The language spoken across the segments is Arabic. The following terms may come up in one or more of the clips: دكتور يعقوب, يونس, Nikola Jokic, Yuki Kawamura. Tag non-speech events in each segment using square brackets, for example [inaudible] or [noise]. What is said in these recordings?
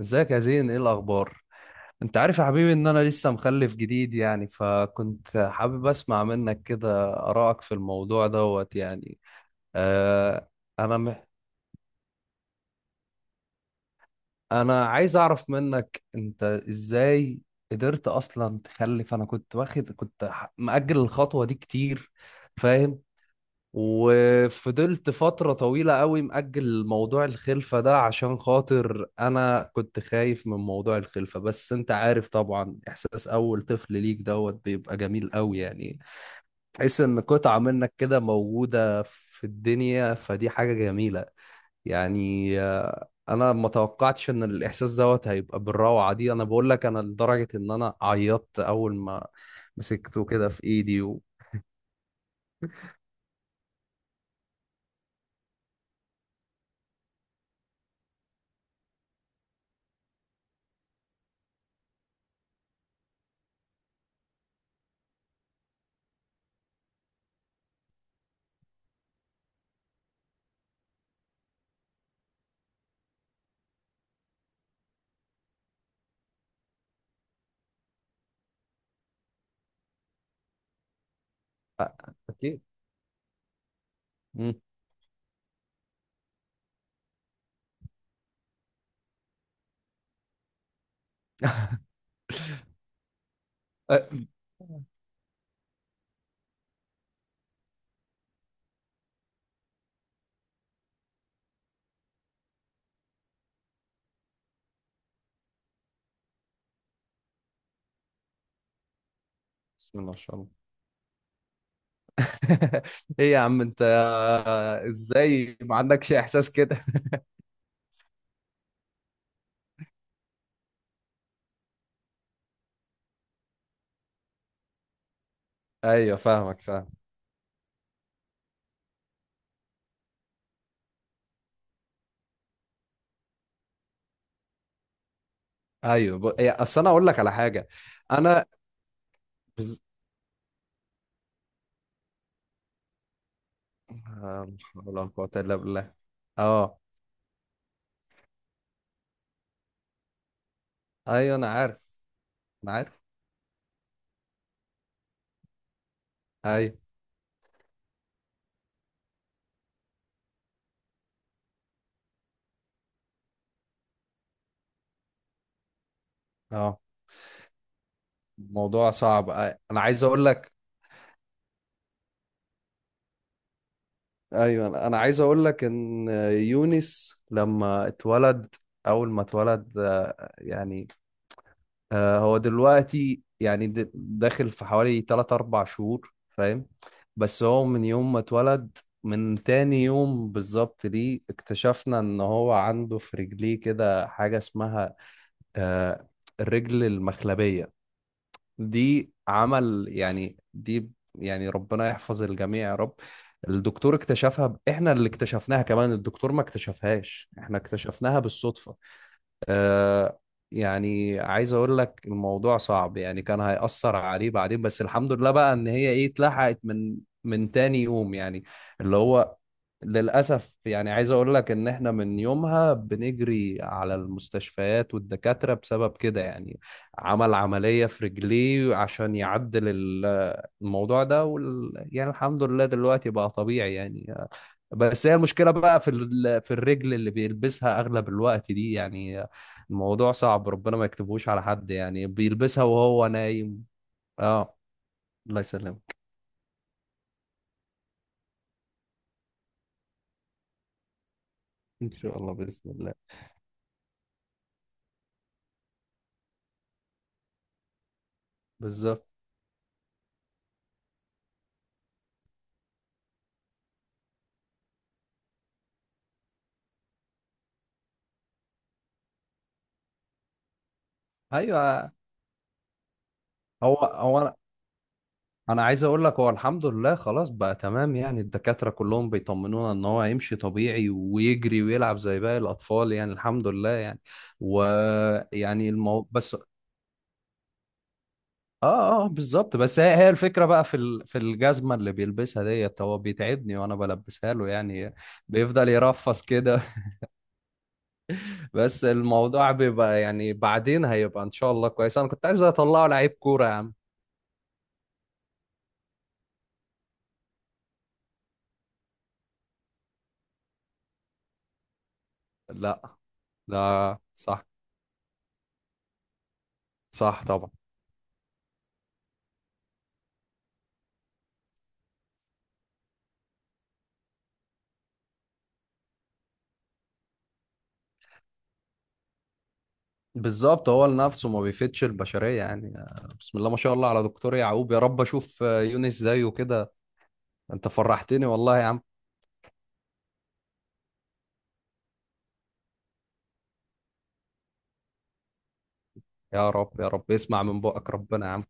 ازيك يا زين، ايه الاخبار؟ انت عارف يا حبيبي ان انا لسه مخلف جديد، يعني فكنت حابب اسمع منك كده ارائك في الموضوع دوت، يعني. آه. انا مح... انا عايز اعرف منك انت ازاي قدرت اصلا تخلف، انا كنت واخد، مأجل الخطوة دي كتير. فاهم. وفضلت فترة طويلة قوي مأجل موضوع الخلفة ده عشان خاطر أنا كنت خايف من موضوع الخلفة، بس أنت عارف طبعا، إحساس أول طفل ليك دوت بيبقى جميل قوي، يعني تحس إن قطعة منك كده موجودة في الدنيا، فدي حاجة جميلة. يعني أنا ما توقعتش إن الإحساس دوت هيبقى بالروعة دي، أنا بقول لك، أنا لدرجة إن أنا عيطت أول ما مسكته كده في إيدي آه، أكيد. مم. أه، بسم الله ما شاء الله. [laughs] ايه يا عم انت، ازاي ما عندكش احساس كده؟ [laughs] ايوه، فاهمك، فاهم. ايوه، إيه، اصل انا اقول لك على حاجه. انا بز... آه، لا حول ولا قوه الا بالله. اه، ايوه، انا عارف، انا عارف، ايوه. اه، الموضوع صعب، انا عايز اقول لك. ايوه، أنا عايز اقول لك ان يونس لما اتولد، اول ما اتولد يعني، هو دلوقتي يعني داخل في حوالي 3 4 شهور، فاهم. بس هو من يوم ما اتولد، من تاني يوم بالظبط ليه اكتشفنا ان هو عنده في رجليه كده حاجة اسمها آه، الرجل المخلبية. دي عمل يعني، دي يعني ربنا يحفظ الجميع يا رب. الدكتور اكتشفها، احنا اللي اكتشفناها، كمان الدكتور ما اكتشفهاش، احنا اكتشفناها بالصدفة. آه. يعني عايز اقول لك الموضوع صعب يعني، كان هيأثر عليه بعدين، بس الحمد لله بقى ان هي ايه، اتلحقت من تاني يوم يعني، اللي هو للأسف. يعني عايز اقول لك ان احنا من يومها بنجري على المستشفيات والدكاترة بسبب كده يعني. عمل عملية في رجليه عشان يعدل الموضوع ده، يعني الحمد لله دلوقتي بقى طبيعي يعني. بس هي المشكلة بقى في الرجل اللي بيلبسها أغلب الوقت دي يعني. الموضوع صعب، ربنا ما يكتبهوش على حد، يعني بيلبسها وهو نايم. اه، الله يسلمك. إن شاء الله بإذن الله. بالظبط. أيوه. هو أنا عايز أقول لك، هو الحمد لله خلاص بقى تمام يعني، الدكاترة كلهم بيطمنونا إن هو هيمشي طبيعي ويجري ويلعب زي باقي الأطفال، يعني الحمد لله يعني. ويعني بس. اه، اه، بالظبط. بس هي الفكره بقى في الجزمه اللي بيلبسها ديت، هو بيتعبني وانا بلبسها له يعني، بيفضل يرفس كده. [laughs] بس الموضوع بيبقى يعني بعدين هيبقى ان شاء الله كويس، انا كنت عايز اطلعه لعيب كوره يا عم. لا، لا، صح. صح طبعا. بالظبط، هو لنفسه، ما بيفيدش البشريه يعني. آه، بسم الله ما شاء الله على دكتور يعقوب، يا رب اشوف يونس زيه كده. انت فرحتني والله يا عم. يا رب، يا رب اسمع من بقك ربنا يا عم.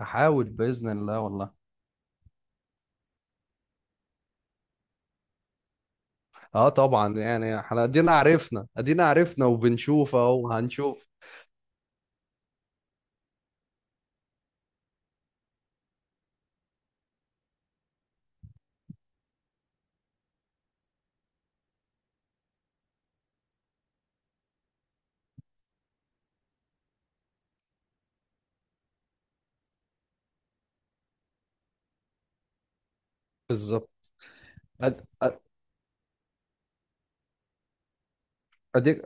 هحاول باذن الله والله. اه طبعا، يعني احنا ادينا عرفنا، ادينا عرفنا، وبنشوف اهو، هنشوف. بالظبط. أد- أد- اديك،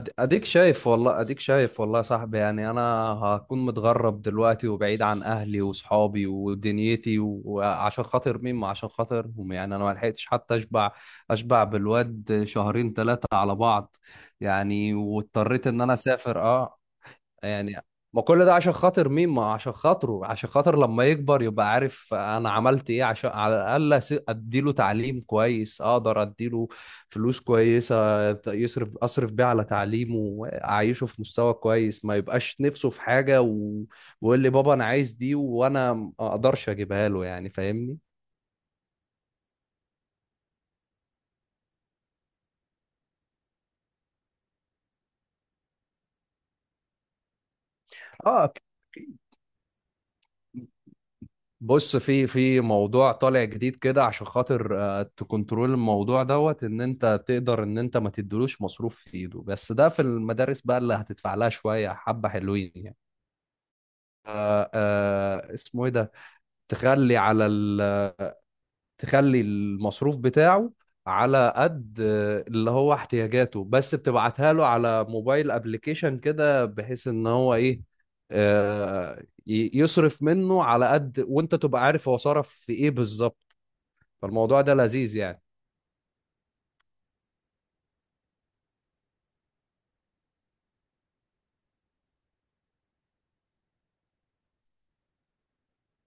اديك شايف والله، اديك شايف والله يا صاحبي، يعني انا هكون متغرب دلوقتي وبعيد عن اهلي وصحابي ودنيتي، وعشان خاطر مين؟ ما عشان خاطرهم، يعني انا ما لحقتش حتى اشبع بالواد شهرين ثلاثة على بعض يعني، واضطريت ان انا اسافر، اه. يعني ما كل ده عشان خاطر مين؟ ما عشان خاطره، عشان خاطر لما يكبر يبقى عارف انا عملت ايه، عشان على الاقل اديله تعليم كويس، اقدر اديله فلوس كويسة ت- يصرف اصرف بيها على تعليمه واعيشه في مستوى كويس، ما يبقاش نفسه في حاجة ويقول لي بابا انا عايز دي وانا ما اقدرش اجيبها له، يعني فاهمني. اه، بص، في موضوع طالع جديد كده عشان خاطر تكنترول الموضوع دوت، ان انت تقدر ان انت ما تديلوش مصروف في ايده، بس ده في المدارس بقى اللي هتدفع لها شويه حبه حلوين يعني. اسمه ايه ده؟ تخلي على ال... تخلي المصروف بتاعه على قد اللي هو احتياجاته بس، بتبعتها له على موبايل ابلكيشن كده، بحيث ان هو ايه، يصرف منه على قد، وانت تبقى عارف هو صرف في ايه بالظبط. فالموضوع ده لذيذ يعني.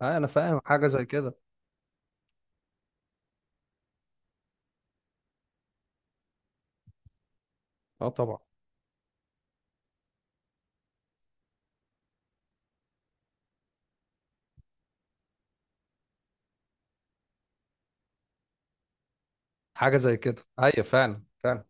آه، انا فاهم حاجه زي كده. اه طبعا. حاجه زي كده، ايوه فعلا، فعلا.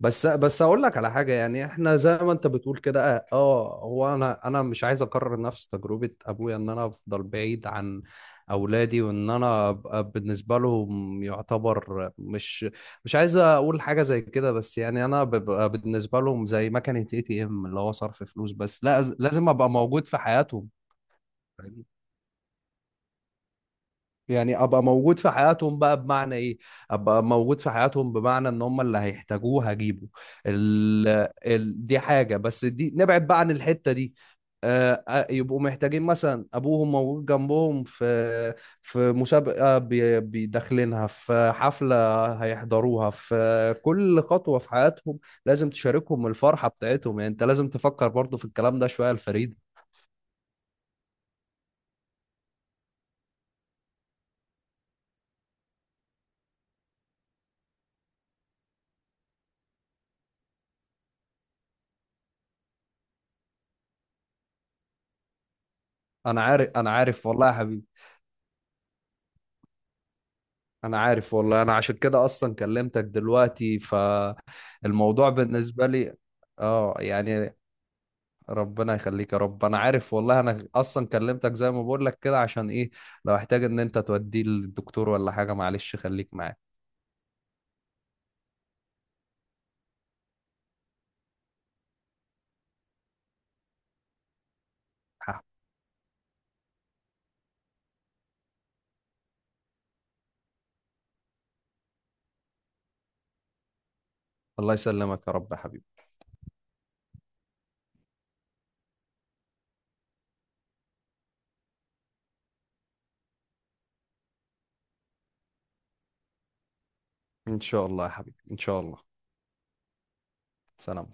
بس بس اقول لك على حاجه، يعني احنا زي ما انت بتقول كده، اه، هو انا مش عايز اكرر نفس تجربه ابويا، ان انا افضل بعيد عن اولادي، وان انا ابقى بالنسبه لهم يعتبر مش عايز اقول حاجه زي كده، بس يعني انا ببقى بالنسبه لهم زي مكنه ATM، اللي هو صرف فلوس بس. لا، لازم ابقى موجود في حياتهم. يعني ابقى موجود في حياتهم بقى بمعنى ايه؟ ابقى موجود في حياتهم بمعنى ان هم اللي هيحتاجوه هجيبه. ال... دي حاجة، بس دي نبعد بقى عن الحتة دي. يبقوا محتاجين مثلا ابوهم موجود جنبهم في في مسابقة بيدخلينها، في حفلة هيحضروها، في كل خطوة في حياتهم لازم تشاركهم الفرحة بتاعتهم، يعني انت لازم تفكر برضو في الكلام ده شوية الفريد. انا عارف، انا عارف والله يا حبيبي، انا عارف والله، انا عشان كده اصلا كلمتك دلوقتي، فالموضوع بالنسبه لي، اه، يعني ربنا يخليك يا رب، انا عارف والله، انا اصلا كلمتك زي ما بقول لك كده عشان ايه؟ لو احتاج ان انت توديه للدكتور ولا حاجه، معلش خليك معايا. ح- الله يسلمك يا رب يا حبيبي. ان شاء الله يا حبيبي، ان شاء الله. سلام.